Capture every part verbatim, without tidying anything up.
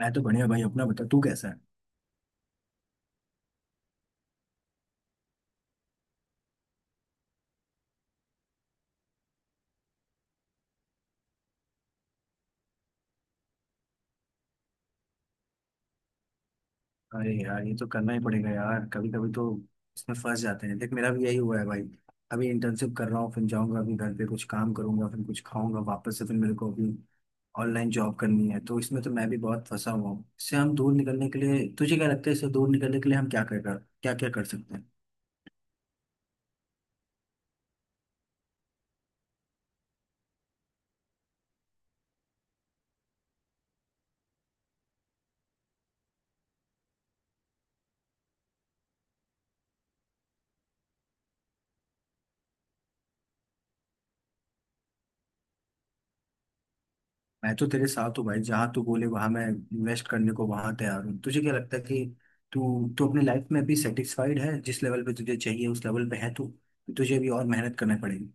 मैं तो बढ़िया भाई अपना बता तू कैसा है। अरे यार ये तो करना ही पड़ेगा यार, कभी कभी तो इसमें फंस जाते हैं। देख मेरा भी यही हुआ है भाई। अभी इंटर्नशिप कर रहा हूँ, फिर जाऊंगा, अभी घर पे कुछ काम करूंगा, फिर कुछ खाऊंगा, वापस से फिर मेरे को अभी ऑनलाइन जॉब करनी है। तो इसमें तो मैं भी बहुत फंसा हुआ हूँ। इससे हम दूर निकलने के लिए तुझे क्या लगता है, इससे दूर निकलने के लिए हम क्या कर क्या क्या कर सकते हैं? मैं तो तेरे साथ हूँ भाई, जहाँ तू बोले वहां मैं इन्वेस्ट करने को वहां तैयार हूँ। तुझे क्या लगता है कि तू तू अपनी लाइफ में अभी सेटिस्फाइड है? जिस लेवल पे तुझे चाहिए उस लेवल पे है तू? तो तुझे भी और मेहनत करनी पड़ेगी।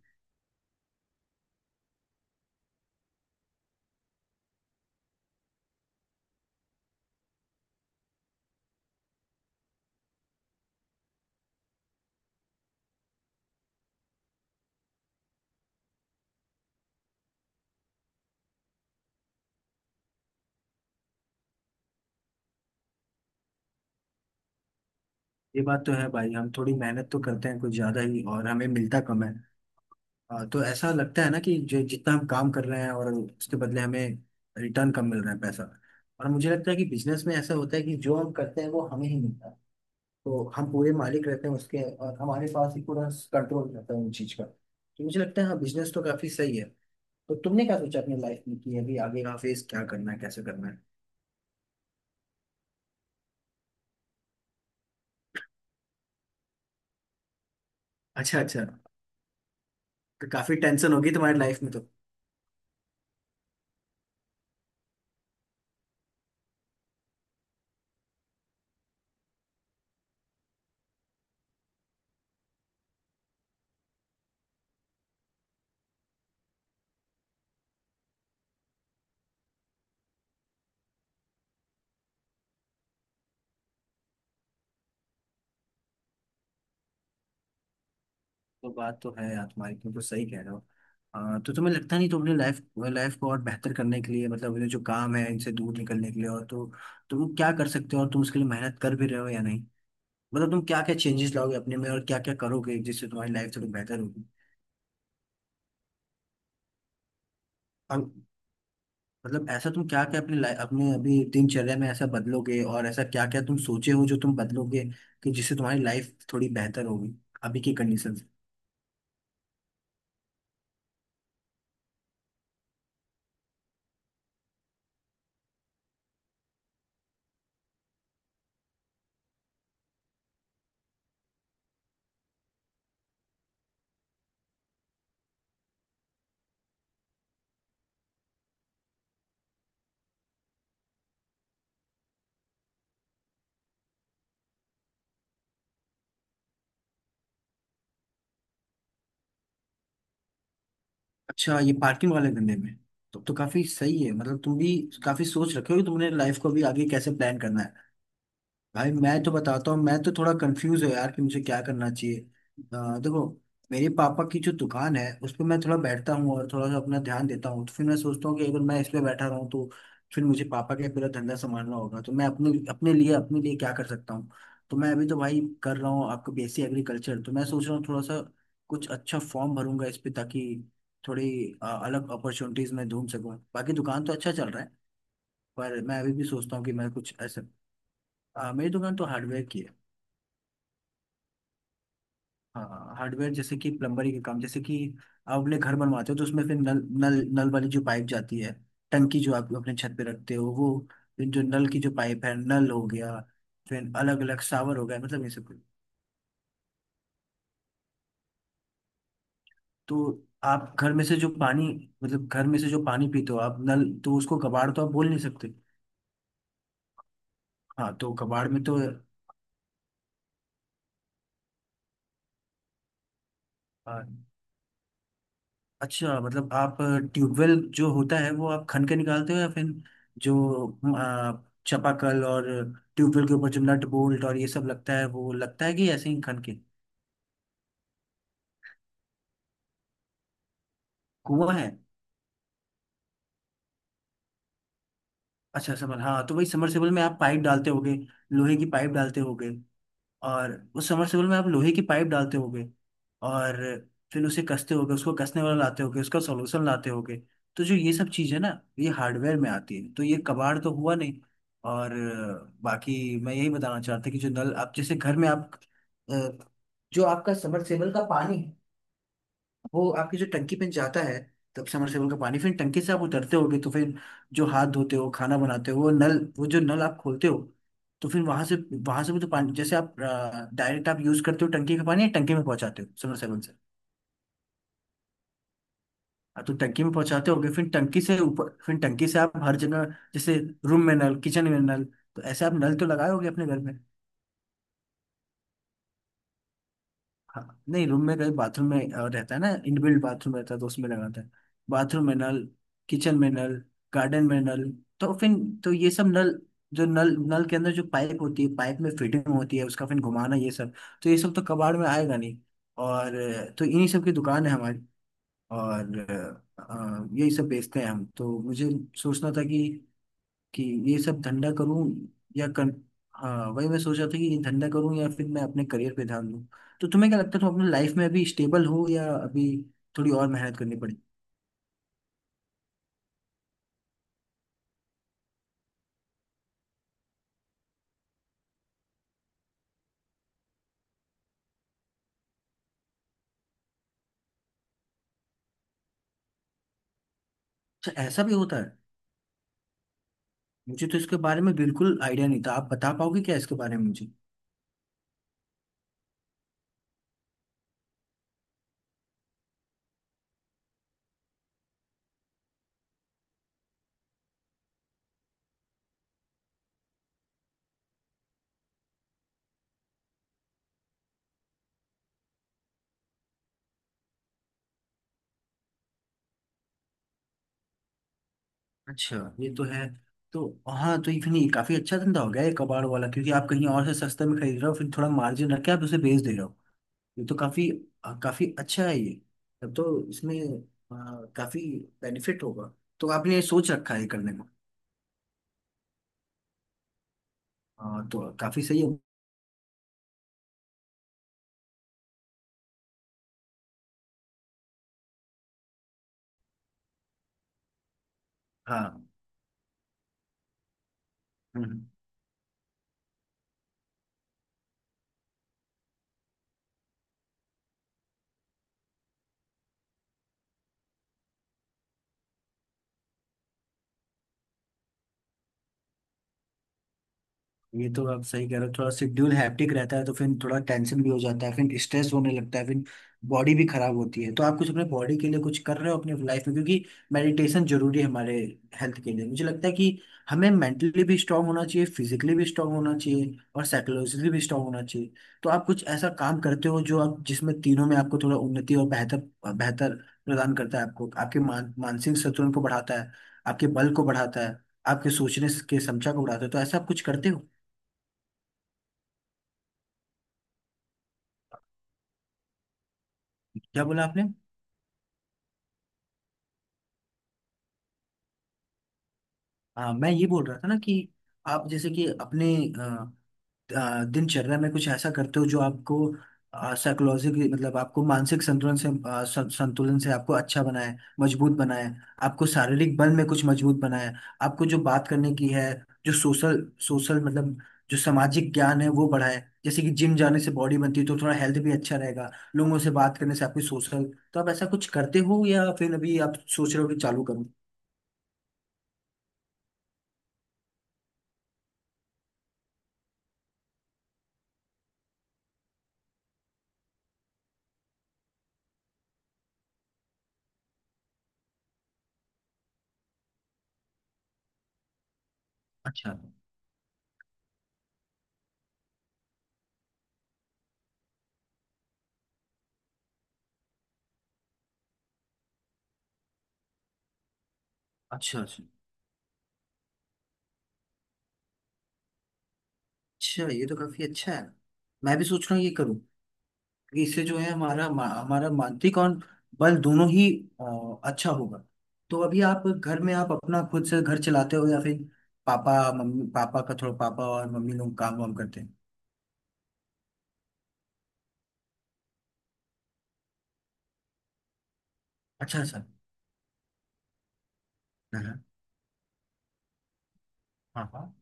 ये बात तो है भाई, हम थोड़ी मेहनत तो करते हैं कुछ ज्यादा ही और हमें मिलता कम है। आ, तो ऐसा लगता है ना कि जो जितना हम काम कर रहे हैं और उसके बदले हमें रिटर्न कम मिल रहा है पैसा। और मुझे लगता है कि बिजनेस में ऐसा होता है कि जो हम करते हैं वो हमें ही मिलता है। तो हम पूरे मालिक रहते हैं उसके और हमारे पास ही पूरा कंट्रोल रहता है उन चीज का। तो मुझे लगता है हाँ, बिजनेस तो काफी सही है। तो तुमने क्या सोचा अपनी लाइफ में कि अभी आगे का फेज क्या करना है, कैसे करना है? अच्छा अच्छा। तो काफी टेंशन होगी तुम्हारी लाइफ में तो। तो बात तो है यार तुम्हारी, तुम तो सही कह रहे हो। आ, तो तुम्हें लगता नहीं तुम अपनी लाइफ लाइफ को और बेहतर करने के लिए, मतलब ये जो काम है इनसे दूर निकलने के लिए और तो तुम क्या कर सकते हो, और तुम उसके लिए मेहनत कर भी रहे हो या नहीं? मतलब तुम क्या क्या चेंजेस लाओगे अपने में और क्या क्या करोगे जिससे तुम्हारी लाइफ थोड़ी बेहतर होगी? मतलब ऐसा तुम क्या क्या अपने लाइ- अपने अभी दिनचर्या में ऐसा बदलोगे, और ऐसा क्या क्या तुम सोचे हो जो तुम बदलोगे कि जिससे तुम्हारी लाइफ थोड़ी बेहतर होगी अभी की कंडीशन से? अच्छा, ये पार्किंग वाले धंधे में। तो, तो काफी सही है, मतलब तुम भी काफी सोच रखे हो कि तुमने लाइफ को अभी आगे कैसे प्लान करना है। भाई मैं तो बताता हूँ, मैं तो थोड़ा कंफ्यूज हूँ यार कि मुझे क्या करना चाहिए। अ, देखो मेरे पापा की जो दुकान है उस पर मैं थोड़ा बैठता हूँ और थोड़ा सा अपना ध्यान देता हूँ, तो फिर मैं सोचता हूँ कि अगर मैं इस पे बैठा रहूँ तो फिर मुझे पापा का पूरा धंधा संभालना होगा, तो मैं अपने अपने लिए अपने लिए क्या कर सकता हूँ? तो मैं अभी तो भाई कर रहा हूँ आपको बी एस सी एग्रीकल्चर, तो मैं सोच रहा हूँ थोड़ा सा कुछ अच्छा फॉर्म भरूंगा इस पे ताकि थोड़ी अ, अलग अपॉर्चुनिटीज मैं ढूंढ सकूँ। बाकी दुकान तो अच्छा चल रहा है, पर मैं अभी भी सोचता हूँ कि मैं कुछ ऐसा। अ, मेरी दुकान तो हार्डवेयर की है। हाँ, हार्डवेयर जैसे कि प्लम्बरी के काम, जैसे कि आप अपने घर बनवाते हो तो उसमें फिर नल नल नल वाली जो पाइप जाती है, टंकी जो आप अपने छत पे रखते हो वो, फिर जो नल की जो पाइप है नल हो गया, फिर अलग अलग शावर हो गया, मतलब ये सब। तो आप घर में से जो पानी, मतलब घर में से जो पानी पीते हो आप नल, तो उसको कबाड़ तो आप बोल नहीं सकते। हाँ तो कबाड़ में तो। हाँ। अच्छा, मतलब आप ट्यूबवेल जो होता है वो आप खन के निकालते हो या फिर जो अ, चापाकल और ट्यूबवेल के ऊपर जो नट बोल्ट और ये सब लगता है वो लगता है कि ऐसे ही खन के? कुआं है? अच्छा, समर हाँ, तो वही समरसेबल में आप पाइप डालते होगे, लोहे की पाइप डालते होगे। और उस सबमर्सिबल में आप लोहे की पाइप डालते होगे, और फिर उसे कसते होगे, उसको कसने वाला लाते होगे, उसका सॉल्यूशन लाते होगे। तो जो ये सब चीज़ है ना, ये हार्डवेयर में आती है, तो ये कबाड़ तो हुआ नहीं। और अ, बाकी मैं यही बताना चाहता कि जो नल आप जैसे घर में आप, अ, जो आपका सबमर्सिबल का पानी वो आपकी जो टंकी पे जाता है, तब समरसेबल का पानी फिर टंकी से आप उतरते होगे, तो फिर जो हाथ धोते हो, खाना बनाते हो, वो नल, वो जो नल आप खोलते हो, तो फिर वहां से वहां से भी तो पानी जैसे आप डायरेक्ट आप यूज करते हो टंकी का पानी, या टंकी में पहुंचाते हो समरसेबल से? हाँ, तो टंकी में पहुंचाते होगे, फिर टंकी से ऊपर, फिर टंकी से आप हर जगह, जैसे रूम में नल, किचन में नल, तो ऐसे आप नल तो लगाए होगे अपने घर में। हाँ नहीं, रूम में कहीं बाथरूम में अ, रहता है ना, इनबिल्ट बाथरूम रहता है तो उसमें लगाता है। बाथरूम में नल, किचन में नल, गार्डन में नल, तो फिर तो ये सब नल, जो नल नल के अंदर जो पाइप होती है, पाइप में फिटिंग होती है, उसका फिर घुमाना, ये सब, तो ये सब तो कबाड़ में आएगा नहीं। और अ, तो इन्हीं सब की दुकान है हमारी। और अ, अ, यही सब बेचते हैं हम। तो मुझे सोचना था कि कि ये सब धंधा करूं या कर हाँ, वही मैं सोच रहा था कि ये धंधा करूं या फिर मैं अपने करियर पे ध्यान दूं। तो तुम्हें क्या लगता है तुम अपनी लाइफ में अभी स्टेबल हो या अभी थोड़ी और मेहनत करनी पड़ी? अच्छा, ऐसा भी होता है? मुझे तो इसके बारे में बिल्कुल आइडिया नहीं था, आप बता पाओगे क्या इसके बारे में मुझे? अच्छा, ये तो है। तो हाँ तो इवन ये काफी अच्छा धंधा हो गया ये कबाड़ वाला, क्योंकि आप कहीं और से सस्ते में खरीद रहे हो फिर थोड़ा मार्जिन रख के आप उसे बेच दे रहे हो। ये तो काफी काफी अच्छा है ये। तब तो इसमें अ, काफी बेनिफिट होगा। तो आपने ये सोच रखा है करने को? हाँ, तो काफी सही है। हाँ। हम्म। हम्म। ये तो आप सही कह रहे हो, थोड़ा शेड्यूल हैप्टिक रहता है तो फिर थोड़ा टेंशन भी हो जाता है, फिर स्ट्रेस होने लगता है, फिर बॉडी भी खराब होती है। तो आप कुछ अपने बॉडी के लिए कुछ कर रहे हो अपने लाइफ में, क्योंकि मेडिटेशन जरूरी है हमारे हेल्थ के लिए। मुझे लगता है कि हमें मेंटली भी स्ट्रांग होना चाहिए, फिजिकली भी स्ट्रांग होना चाहिए, और साइकोलॉजिकली भी स्ट्रांग होना चाहिए। तो आप कुछ ऐसा काम करते हो जो आप जिसमें तीनों में आपको थोड़ा उन्नति और बेहतर बेहतर प्रदान करता है, आपको आपके मान, मानसिक संतुलन को बढ़ाता है, आपके बल को बढ़ाता है, आपके सोचने के क्षमता को बढ़ाता है, तो ऐसा आप कुछ करते हो? क्या बोला आपने? आ, मैं ये बोल रहा था ना कि आप जैसे कि अपने अ, अ, दिनचर्या में कुछ ऐसा करते हो जो आपको साइकोलॉजिकली, मतलब आपको मानसिक संतुलन से, अ, सं- संतुलन से आपको अच्छा बनाए, मजबूत बनाए। आपको शारीरिक बल में कुछ मजबूत बनाए। आपको जो बात करने की है जो सोशल, सोशल मतलब जो सामाजिक ज्ञान है वो बढ़ाए, जैसे कि जिम जाने से बॉडी बनती है तो थोड़ा हेल्थ भी अच्छा रहेगा। लोगों से बात करने से आपकी सोशल। तो आप ऐसा कुछ करते हो या फिर अभी आप सोच रहे हो कि चालू करूं? अच्छा अच्छा अच्छा। अच्छा, ये तो काफी अच्छा है। मैं भी सोच रहा हूँ ये करूँ, क्योंकि इससे जो है हमारा मा- हमारा मानसिक और बल दोनों ही अ, अच्छा होगा। तो अभी आप घर में आप अपना खुद से घर चलाते हो या फिर पापा, मम्मी पापा का थोड़ा, पापा और मम्मी लोग काम वाम करते हैं? अच्छा अच्छा। हाँ हाँ हाँ, हाँ।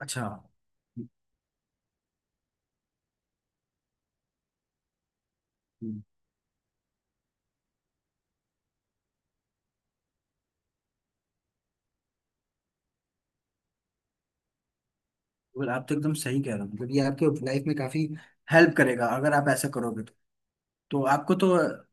अच्छा, हम्म, हम्म। आप तो एकदम सही कह रहे हो, मतलब ये आपके लाइफ में काफी हेल्प करेगा अगर आप ऐसा करोगे तो। तो आपको तो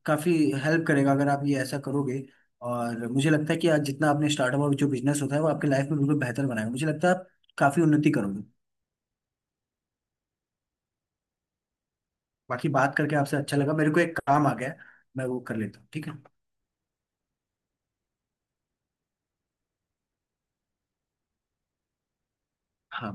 काफ़ी हेल्प करेगा अगर आप ये ऐसा करोगे। और मुझे लगता है कि आज जितना आपने स्टार्टअप और जो बिजनेस होता है वो आपके लाइफ में बिल्कुल बेहतर बनाएगा, मुझे लगता है आप काफ़ी उन्नति करोगे। बाकी बात करके आपसे अच्छा लगा, मेरे को एक काम आ गया है, मैं वो कर लेता हूँ, ठीक है। हाँ।